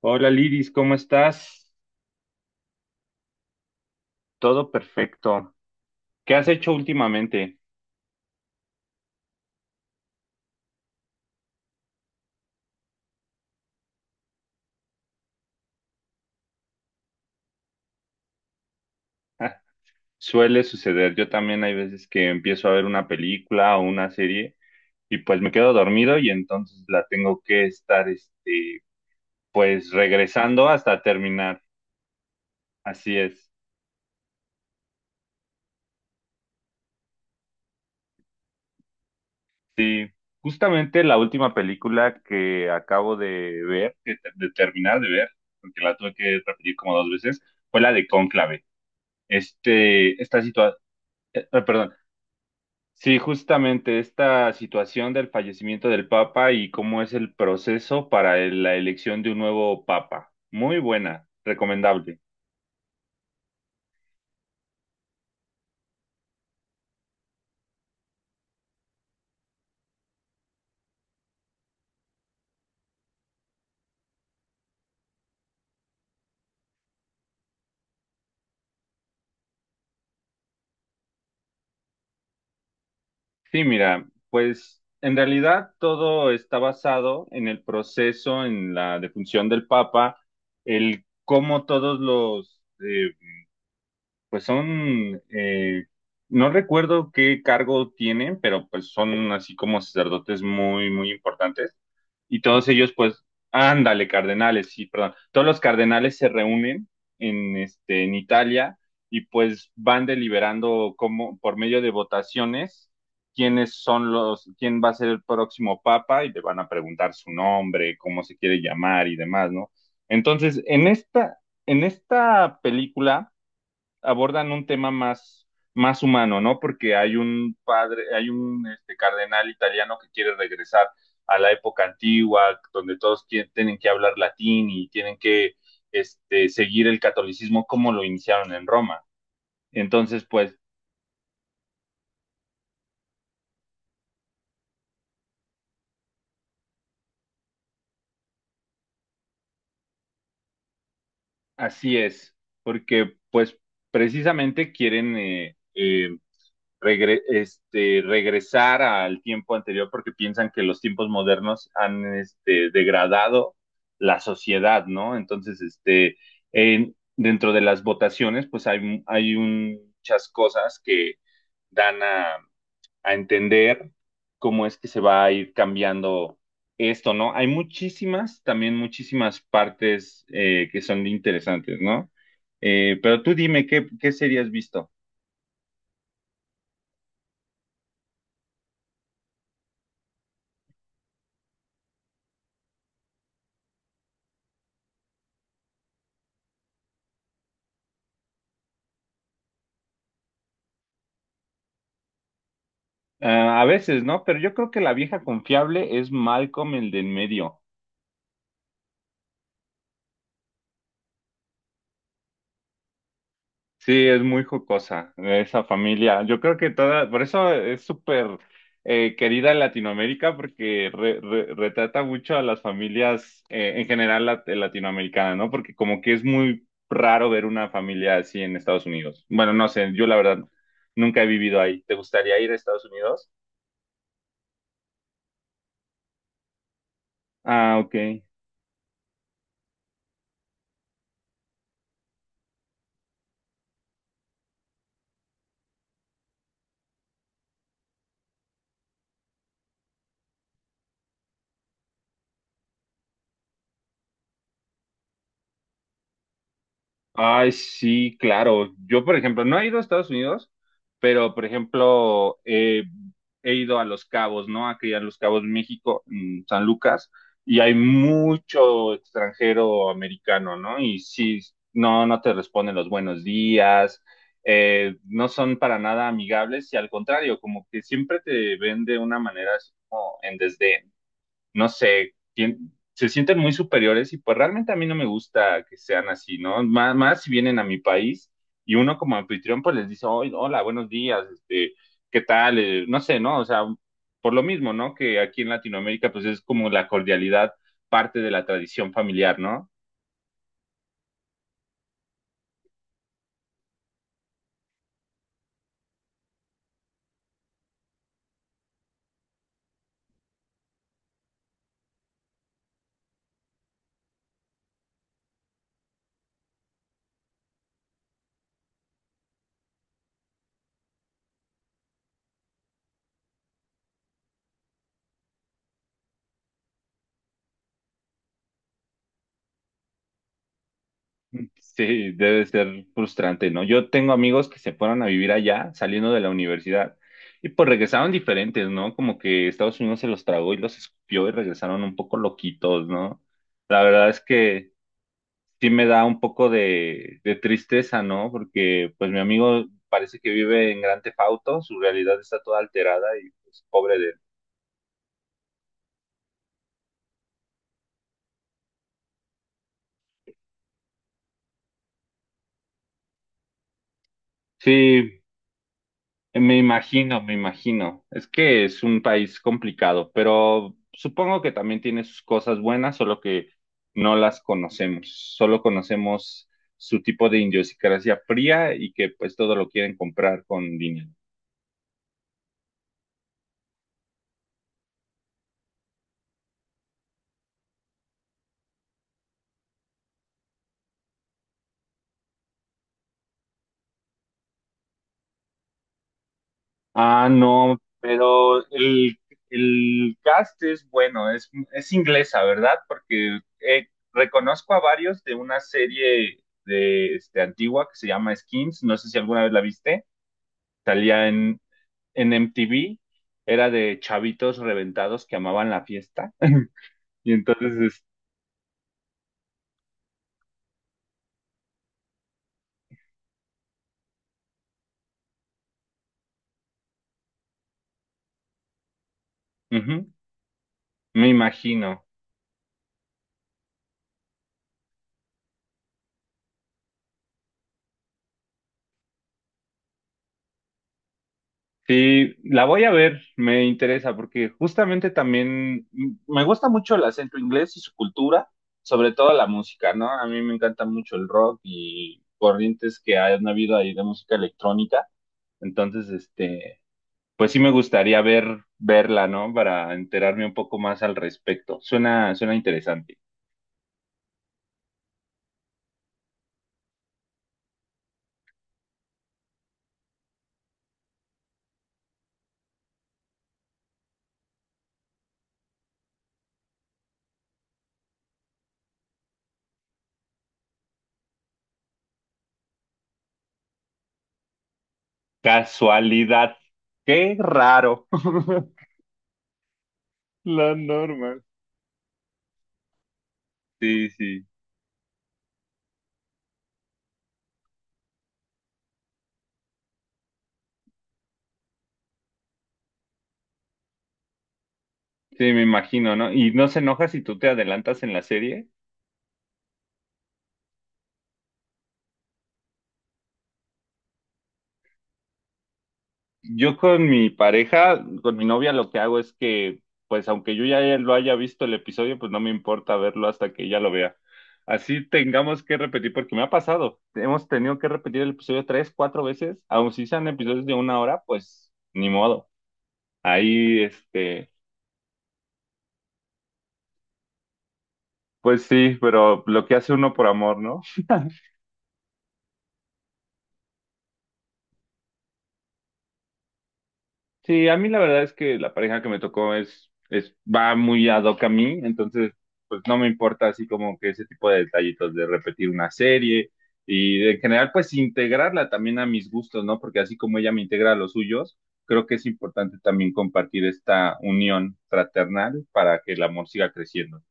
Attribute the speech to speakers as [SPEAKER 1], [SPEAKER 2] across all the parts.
[SPEAKER 1] Hola Liris, ¿cómo estás? Todo perfecto. ¿Qué has hecho últimamente? Ah, suele suceder. Yo también hay veces que empiezo a ver una película o una serie y pues me quedo dormido y entonces la tengo que estar, pues regresando hasta terminar. Así es. Sí, justamente la última película que acabo de ver, de terminar de ver, porque la tuve que repetir como dos veces, fue la de Cónclave. Esta situación, perdón. Sí, justamente esta situación del fallecimiento del Papa y cómo es el proceso para la elección de un nuevo Papa. Muy buena, recomendable. Sí, mira, pues en realidad todo está basado en el proceso, en la defunción del Papa, el cómo todos los, pues son, no recuerdo qué cargo tienen, pero pues son así como sacerdotes muy, muy importantes y todos ellos, pues, ándale, cardenales, sí, perdón, todos los cardenales se reúnen en Italia y pues van deliberando como por medio de votaciones quiénes son quién va a ser el próximo papa y le van a preguntar su nombre, cómo se quiere llamar y demás, ¿no? Entonces, en esta película abordan un tema más, más humano, ¿no? Porque hay un padre, hay un cardenal italiano que quiere regresar a la época antigua, donde todos tienen que hablar latín y tienen que seguir el catolicismo como lo iniciaron en Roma. Entonces, pues así es, porque pues precisamente quieren regresar al tiempo anterior porque piensan que los tiempos modernos han degradado la sociedad, ¿no? Entonces, dentro de las votaciones, pues hay muchas cosas que dan a entender cómo es que se va a ir cambiando esto, ¿no? Hay muchísimas, también muchísimas partes que son interesantes, ¿no? Pero tú dime, ¿qué serie has visto? Ah, a veces, ¿no? Pero yo creo que la vieja confiable es Malcolm, el del medio. Sí, es muy jocosa esa familia. Yo creo que toda, por eso es súper querida en Latinoamérica porque retrata mucho a las familias en general latinoamericanas, ¿no? Porque como que es muy raro ver una familia así en Estados Unidos. Bueno, no sé, yo la verdad nunca he vivido ahí. ¿Te gustaría ir a Estados Unidos? Ah, ok. Ay, sí, claro. Yo, por ejemplo, no he ido a Estados Unidos, pero, por ejemplo, he ido a Los Cabos, ¿no? Aquí a Los Cabos, México, en San Lucas, y hay mucho extranjero americano, ¿no? Y sí, no, no te responden los buenos días, no son para nada amigables, y al contrario, como que siempre te ven de una manera así como en desdén, no sé, se sienten muy superiores y pues realmente a mí no me gusta que sean así, ¿no? Más, más si vienen a mi país y uno como anfitrión pues les dice, "Oy, hola, buenos días, ¿qué tal? No sé, ¿no?" O sea, por lo mismo, ¿no? Que aquí en Latinoamérica pues es como la cordialidad parte de la tradición familiar, ¿no? Sí, debe ser frustrante, ¿no? Yo tengo amigos que se fueron a vivir allá saliendo de la universidad y pues regresaron diferentes, ¿no? Como que Estados Unidos se los tragó y los escupió y regresaron un poco loquitos, ¿no? La verdad es que sí me da un poco de tristeza, ¿no? Porque pues mi amigo parece que vive en Gran Theft Auto, su realidad está toda alterada y pues pobre de él. Sí, me imagino, me imagino. Es que es un país complicado, pero supongo que también tiene sus cosas buenas, solo que no las conocemos. Solo conocemos su tipo de idiosincrasia fría y que pues todo lo quieren comprar con dinero. Ah, no, pero el cast es bueno, es inglesa, ¿verdad? Porque reconozco a varios de una serie de antigua que se llama Skins, no sé si alguna vez la viste, salía en MTV, era de chavitos reventados que amaban la fiesta. Y entonces, ujú, me imagino. Sí, la voy a ver, me interesa, porque justamente también me gusta mucho el acento inglés y su cultura, sobre todo la música, ¿no? A mí me encanta mucho el rock y corrientes que han habido ahí de música electrónica. Entonces, pues sí me gustaría verla, ¿no? Para enterarme un poco más al respecto. Suena, suena interesante. Casualidad. Qué raro. La norma. Sí, sí. Sí, me imagino, ¿no? Y no se enoja si tú te adelantas en la serie. Yo con mi pareja, con mi novia, lo que hago es que, pues, aunque yo ya lo haya visto el episodio, pues no me importa verlo hasta que ella lo vea. Así tengamos que repetir, porque me ha pasado. Hemos tenido que repetir el episodio tres, cuatro veces, aun si sean episodios de una hora, pues ni modo. Ahí, pues sí, pero lo que hace uno por amor, ¿no? Sí, a mí la verdad es que la pareja que me tocó va muy ad hoc a mí, entonces pues no me importa así como que ese tipo de detallitos de repetir una serie y en general pues integrarla también a mis gustos, ¿no? Porque así como ella me integra a los suyos, creo que es importante también compartir esta unión fraternal para que el amor siga creciendo.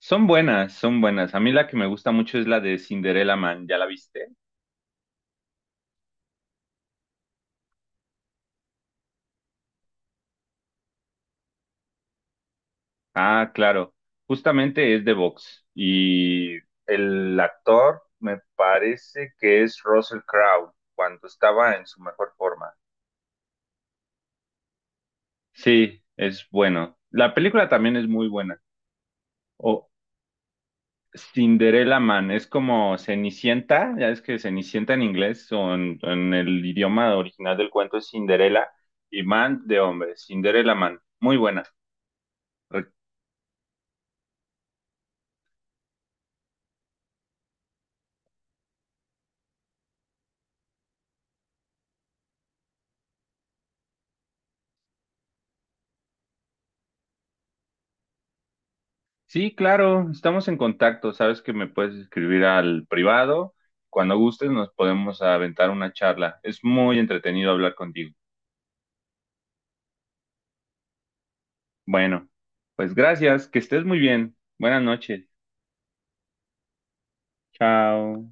[SPEAKER 1] Son buenas, son buenas. A mí la que me gusta mucho es la de Cinderella Man, ¿ya la viste? Ah, claro. Justamente es de box. Y el actor me parece que es Russell Crowe, cuando estaba en su mejor forma. Sí, es bueno. La película también es muy buena. O Cinderella Man, es como Cenicienta, ya es que Cenicienta en inglés, o en el idioma original del cuento es Cinderella, y Man de hombre, Cinderella Man. Muy buena. Sí, claro, estamos en contacto. Sabes que me puedes escribir al privado. Cuando gustes nos podemos aventar una charla. Es muy entretenido hablar contigo. Bueno, pues gracias, que estés muy bien. Buenas noches. Chao.